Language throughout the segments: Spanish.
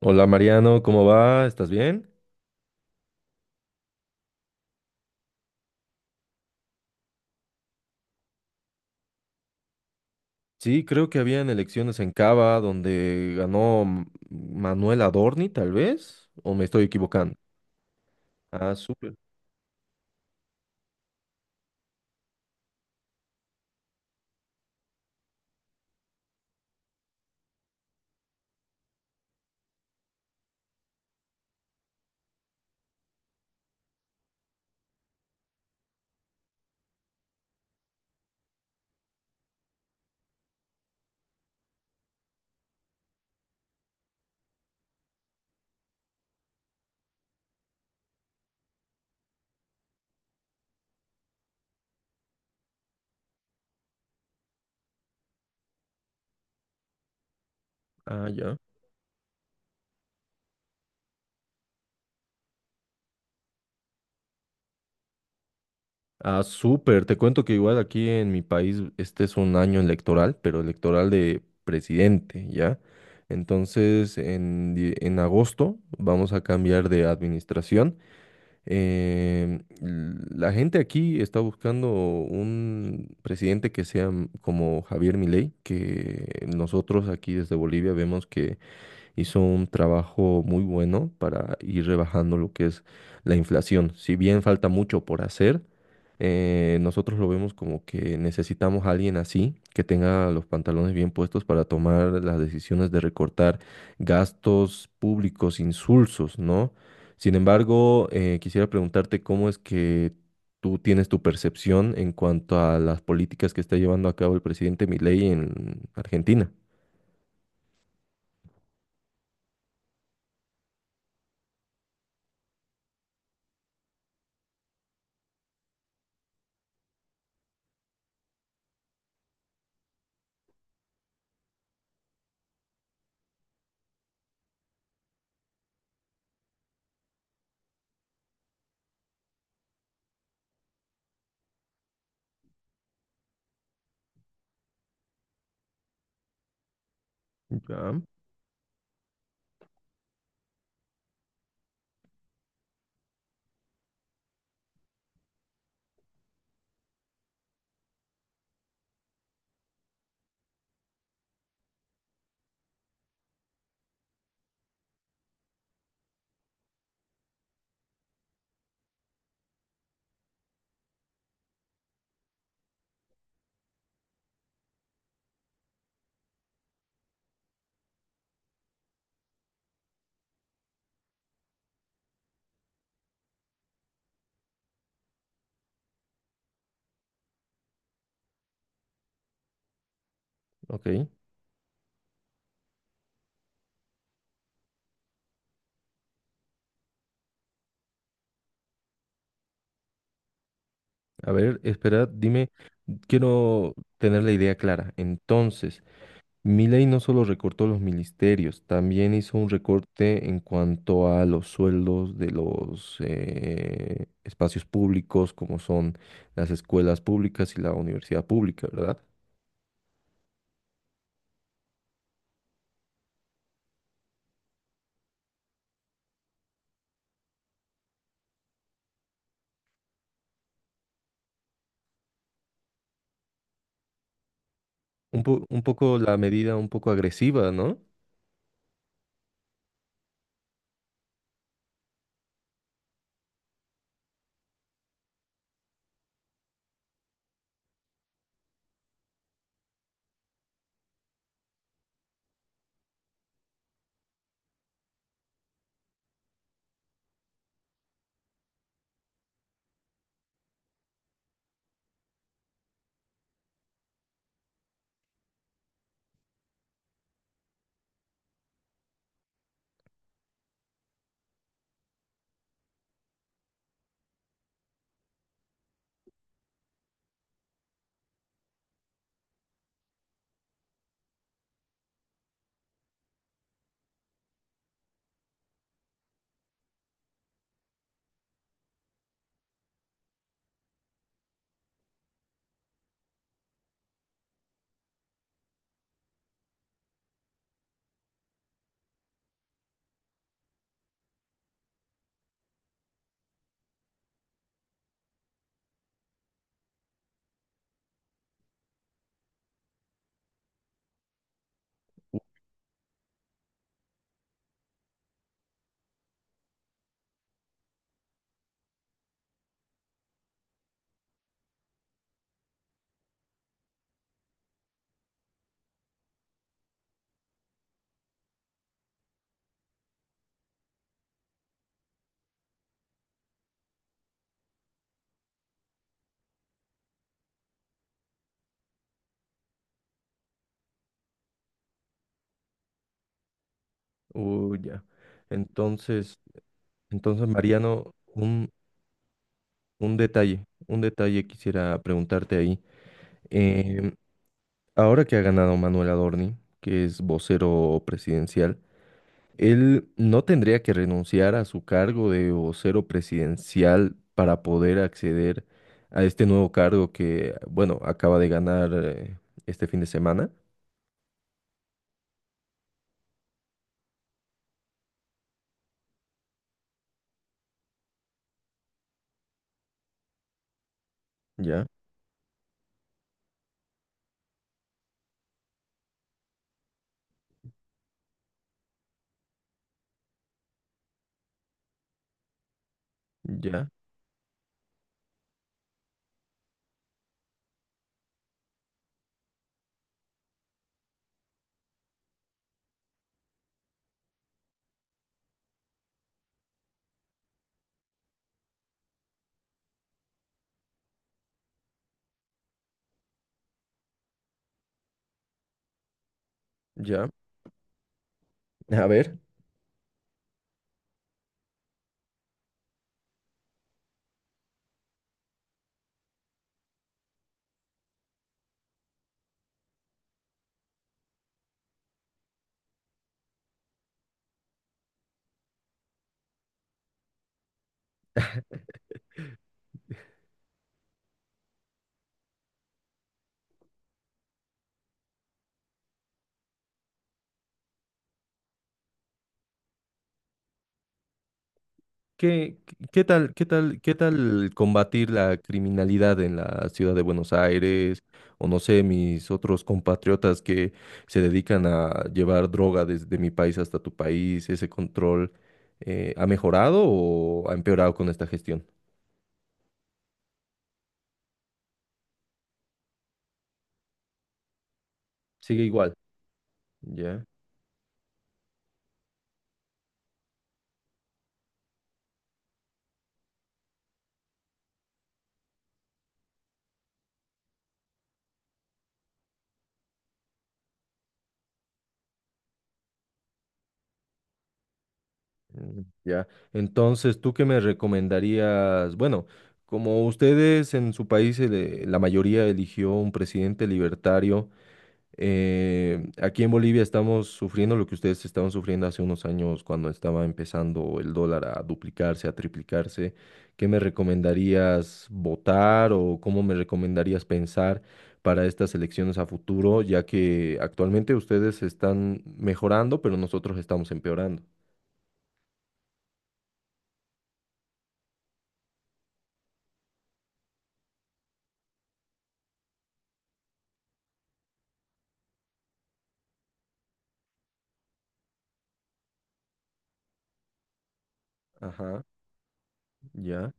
Hola Mariano, ¿cómo va? ¿Estás bien? Sí, creo que habían elecciones en Cava donde ganó Manuel Adorni, tal vez, o me estoy equivocando. Ah, súper. Ah, ya. Ah, súper. Te cuento que igual aquí en mi país este es un año electoral, pero electoral de presidente, ¿ya? Entonces, en agosto vamos a cambiar de administración. La gente aquí está buscando un presidente que sea como Javier Milei, que nosotros aquí desde Bolivia vemos que hizo un trabajo muy bueno para ir rebajando lo que es la inflación. Si bien falta mucho por hacer, nosotros lo vemos como que necesitamos a alguien así, que tenga los pantalones bien puestos para tomar las decisiones de recortar gastos públicos insulsos, ¿no? Sin embargo, quisiera preguntarte cómo es que tú tienes tu percepción en cuanto a las políticas que está llevando a cabo el presidente Milei en Argentina. Ya. Ok. A ver, espera, dime, quiero tener la idea clara. Entonces, Milei no solo recortó los ministerios, también hizo un recorte en cuanto a los sueldos de los espacios públicos, como son las escuelas públicas y la universidad pública, ¿verdad? Un poco la medida, un poco agresiva, ¿no? Uy, ya. Entonces, entonces, Mariano, un detalle quisiera preguntarte ahí. Em, ahora que ha ganado Manuel Adorni, que es vocero presidencial, él no tendría que renunciar a su cargo de vocero presidencial para poder acceder a este nuevo cargo que, bueno, acaba de ganar este fin de semana. Ya, ya, ya. A ver. ¿Qué, ¿qué tal, qué tal, qué tal combatir la criminalidad en la ciudad de Buenos Aires? O no sé, mis otros compatriotas que se dedican a llevar droga desde mi país hasta tu país, ¿ese control ha mejorado o ha empeorado con esta gestión? Sigue igual. Ya, mm, ya. Entonces, ¿tú qué me recomendarías? Bueno, como ustedes en su país, la mayoría eligió un presidente libertario. Aquí en Bolivia estamos sufriendo lo que ustedes estaban sufriendo hace unos años cuando estaba empezando el dólar a duplicarse, a triplicarse. ¿Qué me recomendarías votar o cómo me recomendarías pensar para estas elecciones a futuro, ya que actualmente ustedes están mejorando, pero nosotros estamos empeorando? Ajá, ya,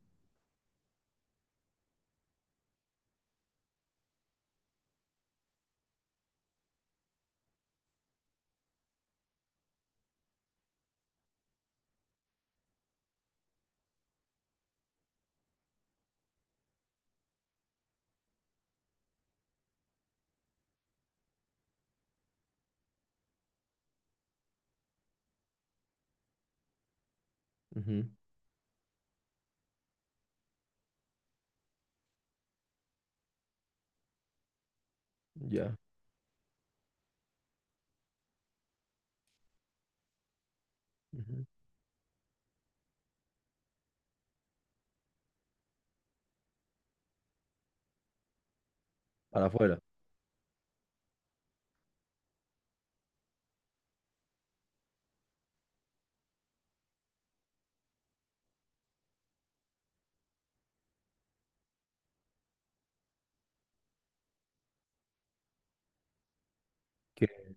ujú, ya, ujú. Para afuera. ¿Qué?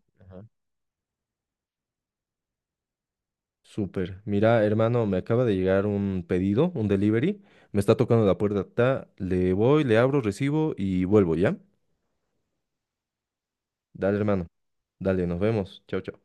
Súper. Mira, hermano, me acaba de llegar un pedido, un delivery. Me está tocando la puerta. Ta, le voy, le abro, recibo y vuelvo, ¿ya? Dale, hermano. Dale, nos vemos. Chao, chao.